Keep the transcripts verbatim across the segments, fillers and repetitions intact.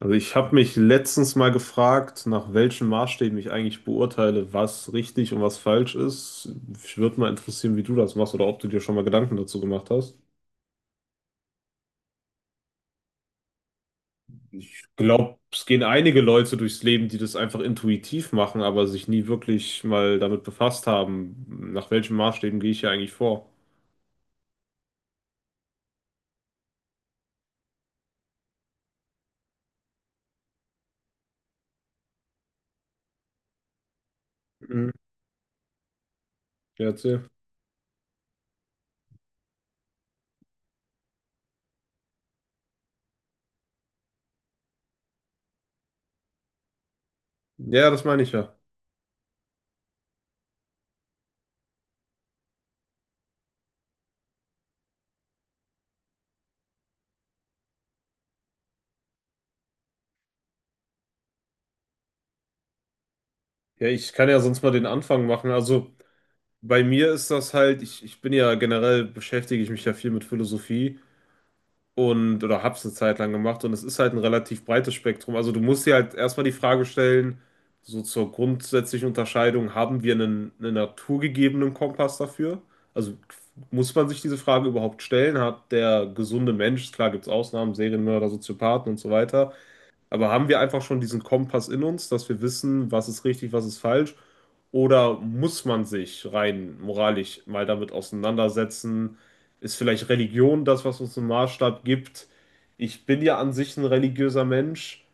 Also ich habe mich letztens mal gefragt, nach welchen Maßstäben ich eigentlich beurteile, was richtig und was falsch ist. Ich würde mal interessieren, wie du das machst oder ob du dir schon mal Gedanken dazu gemacht hast. Ich glaube, es gehen einige Leute durchs Leben, die das einfach intuitiv machen, aber sich nie wirklich mal damit befasst haben, nach welchen Maßstäben gehe ich hier eigentlich vor. Mhm. Ja, erzähl. Ja, das meine ich ja. Ja, ich kann ja sonst mal den Anfang machen. Also bei mir ist das halt, ich, ich bin ja generell, beschäftige ich mich ja viel mit Philosophie und oder hab's eine Zeit lang gemacht, und es ist halt ein relativ breites Spektrum. Also du musst dir halt erstmal die Frage stellen, so zur grundsätzlichen Unterscheidung: haben wir einen, einen naturgegebenen Kompass dafür? Also muss man sich diese Frage überhaupt stellen? Hat der gesunde Mensch, klar gibt's Ausnahmen, Serienmörder, Soziopathen und so weiter, aber haben wir einfach schon diesen Kompass in uns, dass wir wissen, was ist richtig, was ist falsch? Oder muss man sich rein moralisch mal damit auseinandersetzen? Ist vielleicht Religion das, was uns einen Maßstab gibt? Ich bin ja an sich ein religiöser Mensch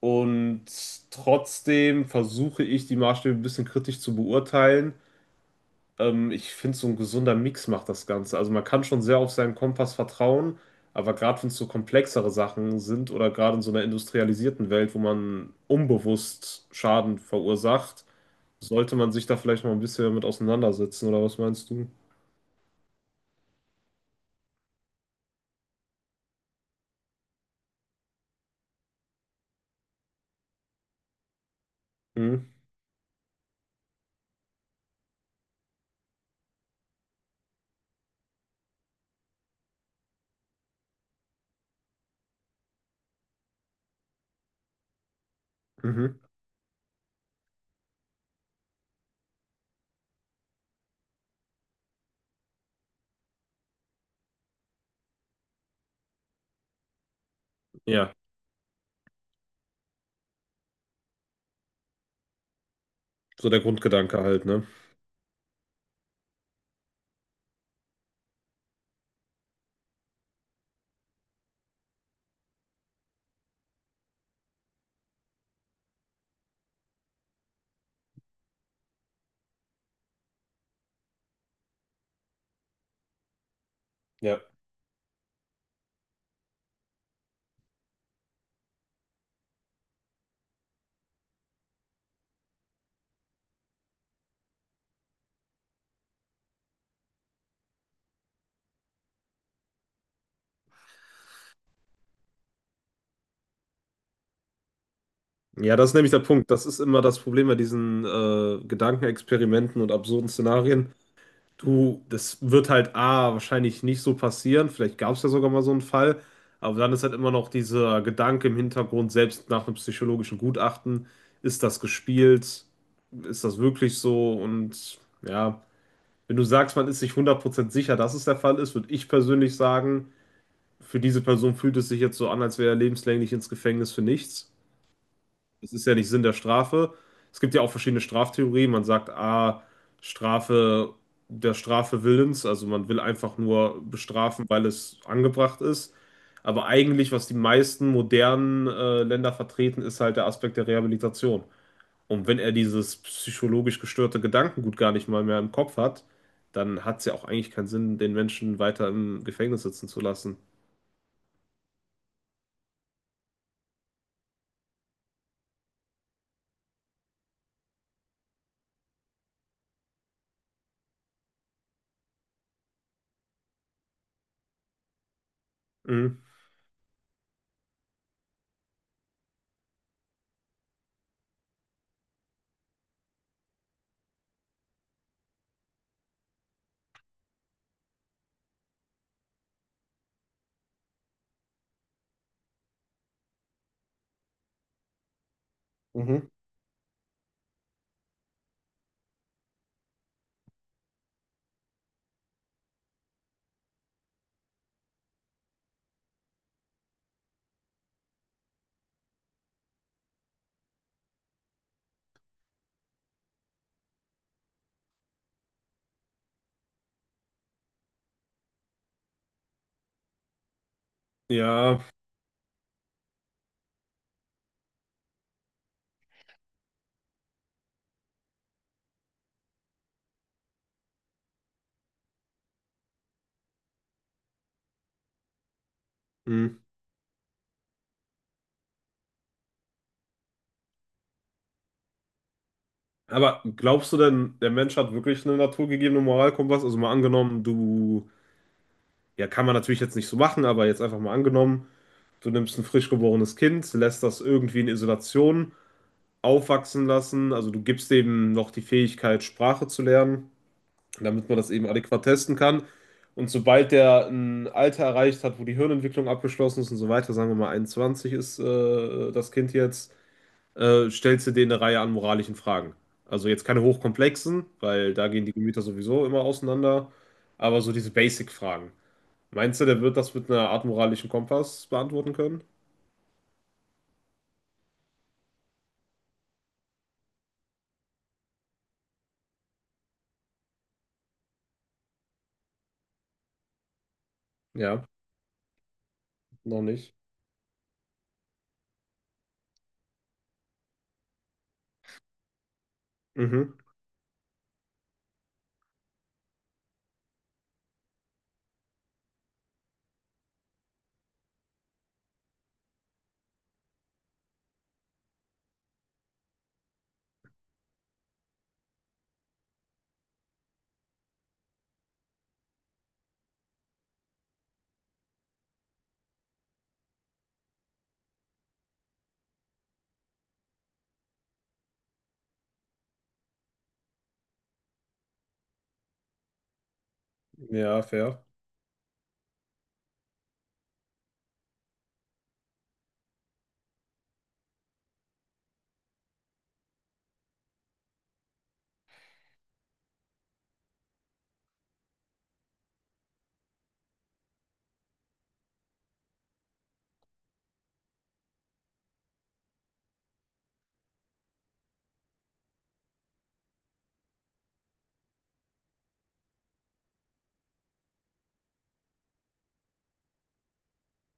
und trotzdem versuche ich, die Maßstäbe ein bisschen kritisch zu beurteilen. Ähm, ich finde, so ein gesunder Mix macht das Ganze. Also man kann schon sehr auf seinen Kompass vertrauen, aber gerade wenn es so komplexere Sachen sind oder gerade in so einer industrialisierten Welt, wo man unbewusst Schaden verursacht, sollte man sich da vielleicht mal ein bisschen mit auseinandersetzen, oder was meinst du? Mhm. Mhm. Ja, so der Grundgedanke halt, ne? Ja. Ja, das ist nämlich der Punkt. Das ist immer das Problem bei diesen äh, Gedankenexperimenten und absurden Szenarien. Du, das wird halt A, wahrscheinlich nicht so passieren. Vielleicht gab es ja sogar mal so einen Fall. Aber dann ist halt immer noch dieser Gedanke im Hintergrund, selbst nach einem psychologischen Gutachten, ist das gespielt? Ist das wirklich so? Und ja, wenn du sagst, man ist sich hundert Prozent sicher, dass es der Fall ist, würde ich persönlich sagen, für diese Person fühlt es sich jetzt so an, als wäre er lebenslänglich ins Gefängnis für nichts. Das ist ja nicht Sinn der Strafe. Es gibt ja auch verschiedene Straftheorien. Man sagt, ah, Strafe der Strafe willens, also man will einfach nur bestrafen, weil es angebracht ist. Aber eigentlich, was die meisten modernen äh, Länder vertreten, ist halt der Aspekt der Rehabilitation. Und wenn er dieses psychologisch gestörte Gedankengut gar nicht mal mehr im Kopf hat, dann hat es ja auch eigentlich keinen Sinn, den Menschen weiter im Gefängnis sitzen zu lassen. Mhm. Mhm. Ja, mhm. Aber glaubst du denn, der Mensch hat wirklich eine naturgegebene Moralkompass? Also mal angenommen, du, ja, kann man natürlich jetzt nicht so machen, aber jetzt einfach mal angenommen, du nimmst ein frisch geborenes Kind, lässt das irgendwie in Isolation aufwachsen lassen, also du gibst dem noch die Fähigkeit, Sprache zu lernen, damit man das eben adäquat testen kann. Und sobald der ein Alter erreicht hat, wo die Hirnentwicklung abgeschlossen ist und so weiter, sagen wir mal einundzwanzig ist äh, das Kind jetzt, äh, stellst du denen eine Reihe an moralischen Fragen. Also jetzt keine hochkomplexen, weil da gehen die Gemüter sowieso immer auseinander, aber so diese Basic-Fragen. Meinst du, der wird das mit einer Art moralischen Kompass beantworten können? Ja, noch nicht. Mhm. Ja, fair.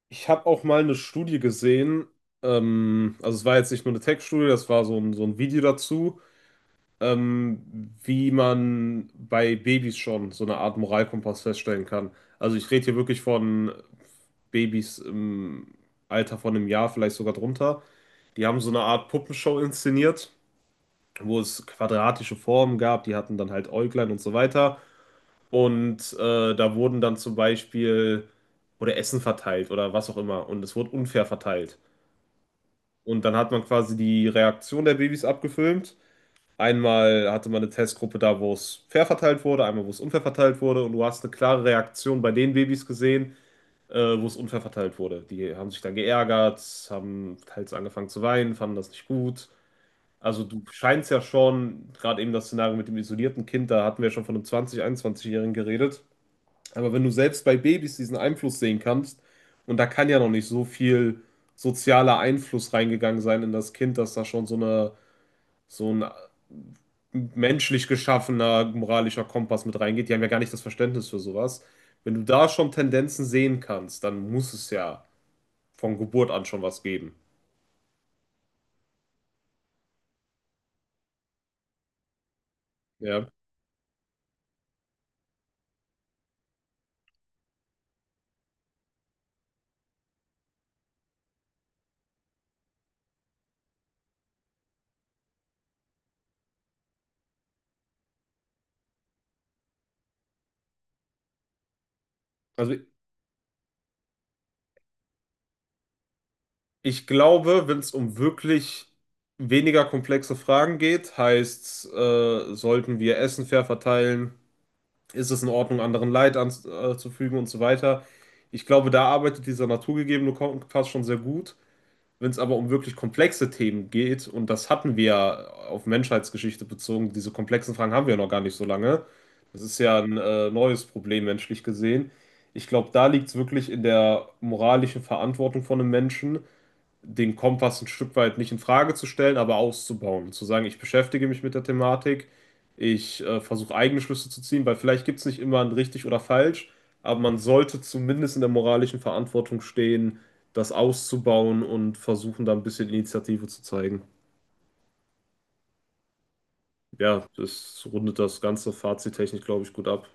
Ich habe auch mal eine Studie gesehen, ähm, also es war jetzt nicht nur eine Tech-Studie, das war so ein, so ein Video dazu. Ähm, wie man bei Babys schon so eine Art Moralkompass feststellen kann. Also ich rede hier wirklich von Babys im Alter von einem Jahr, vielleicht sogar drunter. Die haben so eine Art Puppenshow inszeniert, wo es quadratische Formen gab, die hatten dann halt Äuglein und so weiter. Und äh, da wurden dann zum Beispiel oder Essen verteilt oder was auch immer. Und es wurde unfair verteilt. Und dann hat man quasi die Reaktion der Babys abgefilmt. Einmal hatte man eine Testgruppe da, wo es fair verteilt wurde, einmal, wo es unfair verteilt wurde. Und du hast eine klare Reaktion bei den Babys gesehen, äh, wo es unfair verteilt wurde. Die haben sich dann geärgert, haben teils angefangen zu weinen, fanden das nicht gut. Also du scheinst ja schon, gerade eben das Szenario mit dem isolierten Kind, da hatten wir ja schon von einem zwanzig-, einundzwanzig-Jährigen geredet. Aber wenn du selbst bei Babys diesen Einfluss sehen kannst, und da kann ja noch nicht so viel sozialer Einfluss reingegangen sein in das Kind, dass da schon so eine, so ein menschlich geschaffener moralischer Kompass mit reingeht. Die haben ja gar nicht das Verständnis für sowas. Wenn du da schon Tendenzen sehen kannst, dann muss es ja von Geburt an schon was geben. Ja. Also ich glaube, wenn es um wirklich weniger komplexe Fragen geht, heißt, äh, sollten wir Essen fair verteilen? Ist es in Ordnung, anderen Leid anzufügen und so weiter? Ich glaube, da arbeitet dieser naturgegebene Kompass schon sehr gut. Wenn es aber um wirklich komplexe Themen geht, und das hatten wir ja auf Menschheitsgeschichte bezogen, diese komplexen Fragen haben wir ja noch gar nicht so lange. Das ist ja ein äh, neues Problem menschlich gesehen. Ich glaube, da liegt es wirklich in der moralischen Verantwortung von einem Menschen, den Kompass ein Stück weit nicht in Frage zu stellen, aber auszubauen. Zu sagen, ich beschäftige mich mit der Thematik, ich äh, versuche eigene Schlüsse zu ziehen, weil vielleicht gibt es nicht immer ein richtig oder falsch, aber man sollte zumindest in der moralischen Verantwortung stehen, das auszubauen und versuchen, da ein bisschen Initiative zu zeigen. Ja, das rundet das ganze Fazittechnisch, glaube ich, gut ab.